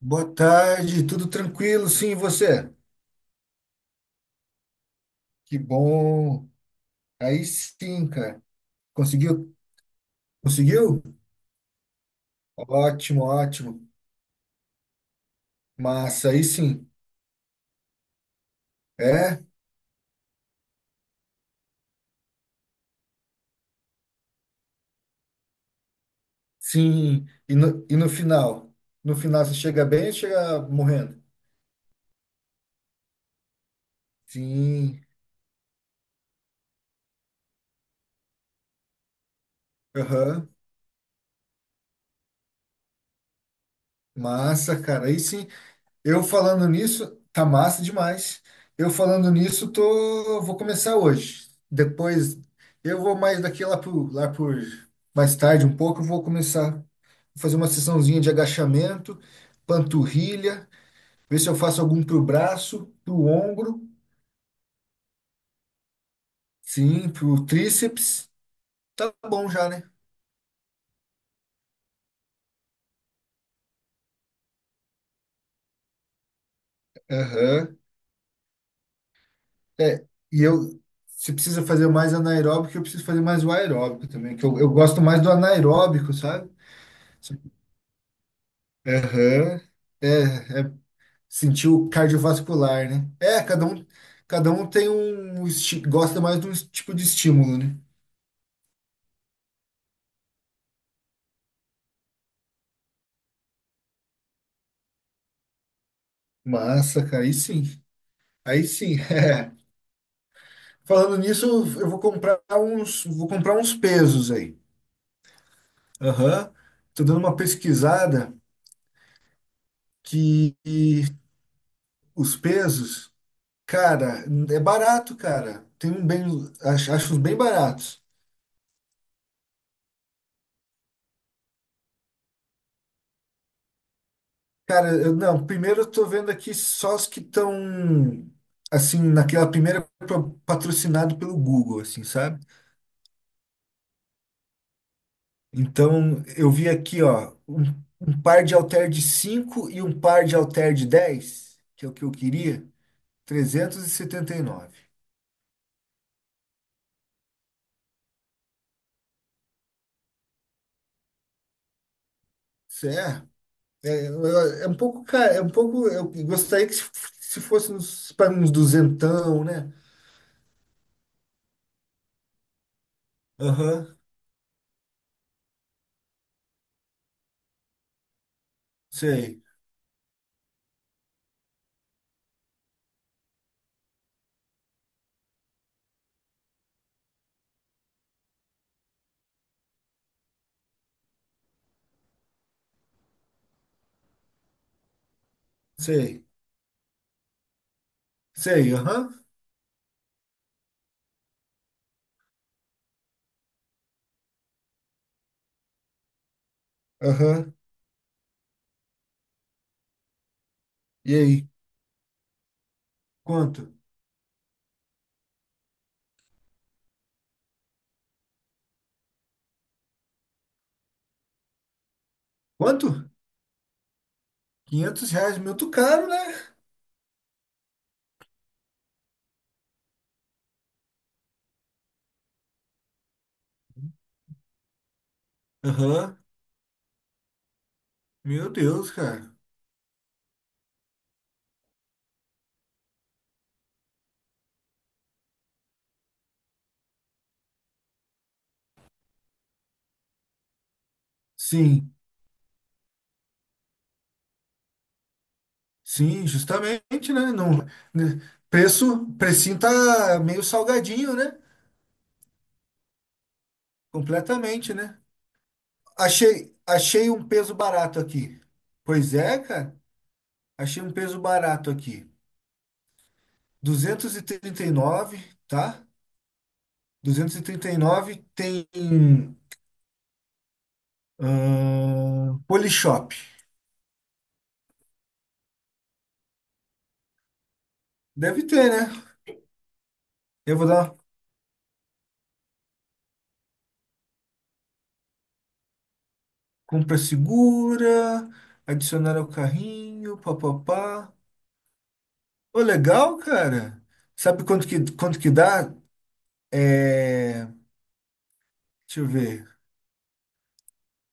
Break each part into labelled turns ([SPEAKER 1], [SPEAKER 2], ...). [SPEAKER 1] Boa tarde, tudo tranquilo? Sim, e você? Que bom. Aí sim, cara. Conseguiu? Conseguiu? Ótimo, ótimo. Massa, aí sim. É? Sim. E no final? No final você chega bem ou chega morrendo? Sim. Aham. Massa, cara. Aí sim. Eu falando nisso, tá massa demais. Eu falando nisso, tô, vou começar hoje. Depois, eu vou mais daqui lá por mais tarde um pouco, eu vou começar a fazer uma sessãozinha de agachamento, panturrilha, ver se eu faço algum pro braço, pro ombro, sim, pro tríceps. Tá bom já, né? Aham. É, e eu, se precisa fazer mais anaeróbico, eu preciso fazer mais o aeróbico também, que eu gosto mais do anaeróbico, sabe? Aham. É, é, sentiu cardiovascular, né? É, cada um tem um, gosta mais de um tipo de estímulo, né? Massa, cara, aí sim. Aí sim. é. Falando nisso, eu vou comprar uns, pesos aí. Aham. Tô dando uma pesquisada que os pesos, cara, é barato, cara. Tem um bem, acho uns bem baratos. Cara, eu, não, primeiro eu tô vendo aqui só os que estão, assim, naquela primeira patrocinado pelo Google, assim, sabe? Então, eu vi aqui, ó, um par de halter de 5 e um par de halter de 10 que é o que eu queria, 379. Isso é, é um pouco, cara, é um pouco, eu gostaria que se fosse uns, para uns duzentão, né? Aham, sei, sei, sei, aham, aham, e aí, quanto? Quanto? R$ 500, muito caro, né? Aham, Meu Deus, cara. Sim, sim, justamente, né? Não, né? Preço, precinho tá meio salgadinho, né? Completamente, né? Achei um peso barato aqui. Pois é, cara. Achei um peso barato aqui. Duzentos e trinta e nove, tá? Duzentos e trinta e nove tem, Polishop. Deve ter, né? Eu vou dar Compra segura, adicionar ao carrinho, papapá. Ô, legal, cara. Sabe quanto que dá? É, deixa eu ver.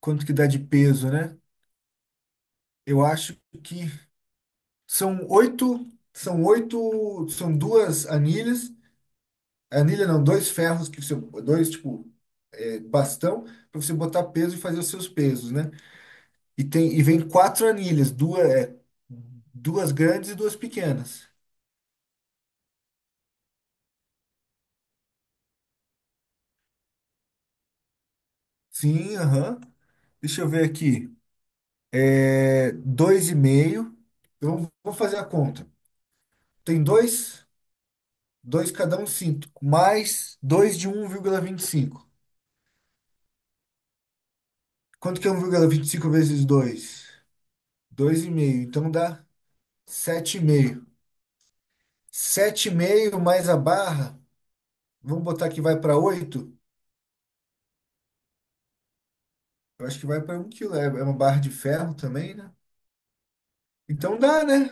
[SPEAKER 1] Quanto que dá de peso, né? Eu acho que são oito, são duas anilhas. Anilha não, dois ferros que você, dois tipo bastão para você botar peso e fazer os seus pesos, né? E tem e vem quatro anilhas, duas grandes e duas pequenas. Sim, aham. Deixa eu ver aqui. É dois e meio. Eu vou fazer a conta. Tem dois cada um 5 mais dois de 1,25. Quanto que é 1,25 vezes dois? Dois e meio. Então dá sete e meio. Sete e meio mais a barra, vamos botar que vai para oito. Eu acho que vai para 1 quilo. É uma barra de ferro também, né? Então dá, né?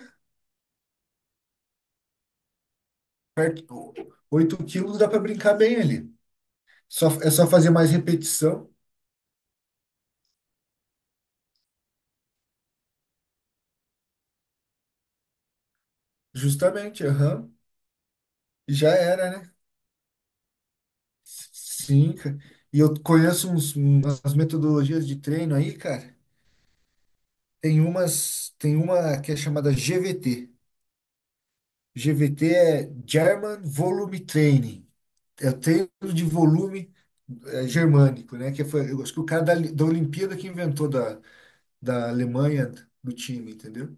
[SPEAKER 1] Perto, 8 quilos dá para brincar bem ali. Só, é só fazer mais repetição. Justamente, aham. Já era, né? Sim, cara. E eu conheço uns, umas metodologias de treino aí, cara. Tem umas, tem uma que é chamada GVT. GVT é German Volume Training. É o treino de volume germânico, né? Que foi, eu acho que o cara da Olimpíada que inventou da Alemanha do time, entendeu?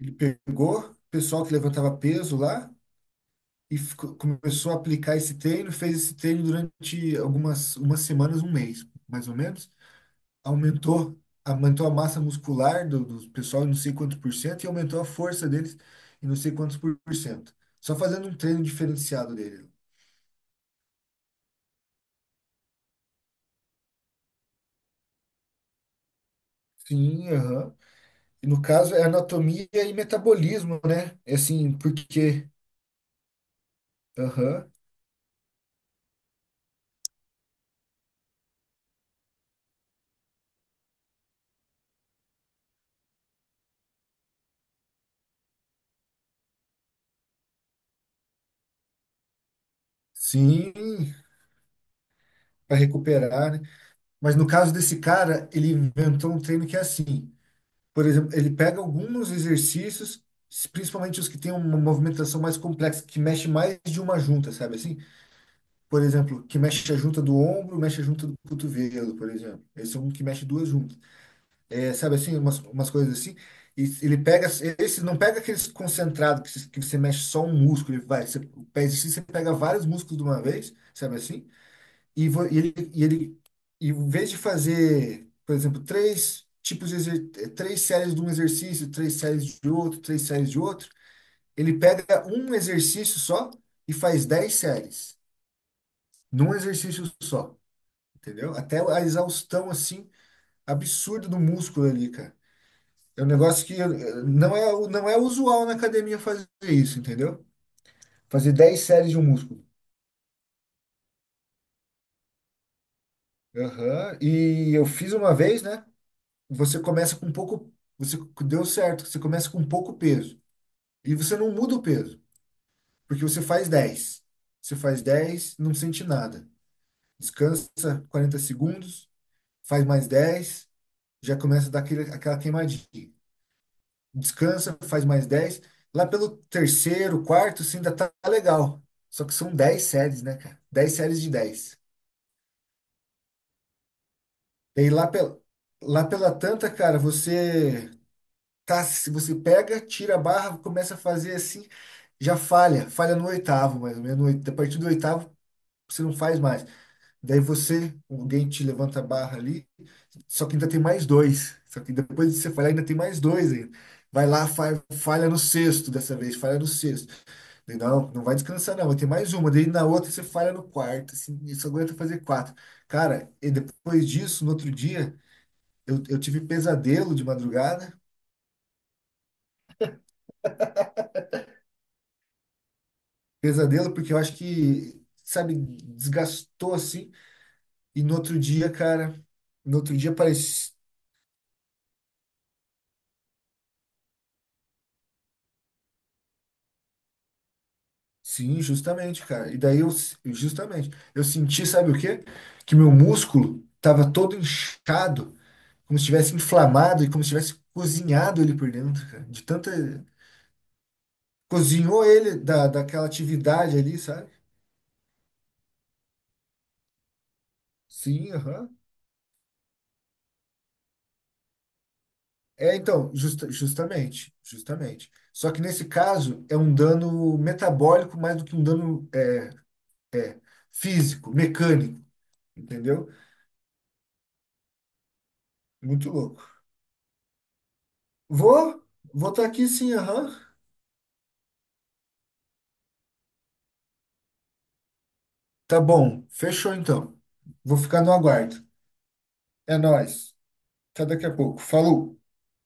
[SPEAKER 1] Ele pegou o pessoal que levantava peso lá e começou a aplicar esse treino, fez esse treino durante algumas umas semanas, um mês, mais ou menos. Aumentou, Aumentou a massa muscular do pessoal em não sei quantos por cento e aumentou a força deles em não sei quantos por cento. Só fazendo um treino diferenciado dele. Sim, aham. E no caso é anatomia e metabolismo, né? É assim, porque, aham. Sim, para recuperar, né? Mas no caso desse cara, ele inventou um treino que é assim. Por exemplo, ele pega alguns exercícios, principalmente os que têm uma movimentação mais complexa, que mexe mais de uma junta, sabe assim? Por exemplo, que mexe a junta do ombro, mexe a junta do cotovelo, por exemplo. Esse é um que mexe duas juntas. É, sabe assim, umas coisas assim. E esse não pega aqueles concentrados que você mexe só um músculo, ele vai, você, o pé exercício, você pega vários músculos de uma vez, sabe assim? E, e ele, e em vez de fazer, por exemplo, três séries de um exercício, três séries de outro, três séries de outro, ele pega um exercício só e faz dez séries num exercício só, entendeu? Até a exaustão assim absurda do músculo ali, cara. É um negócio que não é não é usual na academia fazer isso, entendeu? Fazer 10 séries de um músculo. Aham. E eu fiz uma vez, né? Você começa com pouco, você deu certo, você começa com pouco peso e você não muda o peso, porque você faz dez. Você faz dez não sente nada. Descansa 40 segundos, faz mais dez. Já começa a dar aquele, aquela queimadinha. Descansa, faz mais dez. Lá pelo terceiro, quarto, você ainda tá legal. Só que são 10 séries, né, cara? Dez séries de dez. E aí lá, pela tanta, cara, você Tá, se você pega, tira a barra, começa a fazer assim, já falha, falha no oitavo, mais ou menos. No oit- A partir do oitavo, você não faz mais. Daí você, alguém te levanta a barra ali, só que ainda tem mais dois. Só que depois de você falhar, ainda tem mais dois ainda. Vai lá, falha no sexto dessa vez, falha no sexto. Daí, não, não vai descansar, não, vai ter mais uma. Daí na outra você falha no quarto, assim, e só aguenta fazer quatro. Cara, e depois disso, no outro dia, eu tive pesadelo de madrugada. Pesadelo, porque eu acho que, sabe, desgastou assim. E no outro dia, cara, no outro dia parecia. Sim, justamente, cara. E daí eu, justamente, eu senti, sabe o quê? Que meu músculo tava todo inchado, como se tivesse inflamado e como se tivesse cozinhado ele por dentro, cara. De tanta. Cozinhou ele daquela atividade ali, sabe? Sim, aham. É, então, justamente, justamente. Só que nesse caso é um dano metabólico mais do que um dano físico, mecânico, entendeu? Muito louco. Vou, Vou estar aqui sim, aham. Tá bom, fechou então. Vou ficar no aguardo. É nóis. Até daqui a pouco. Falou.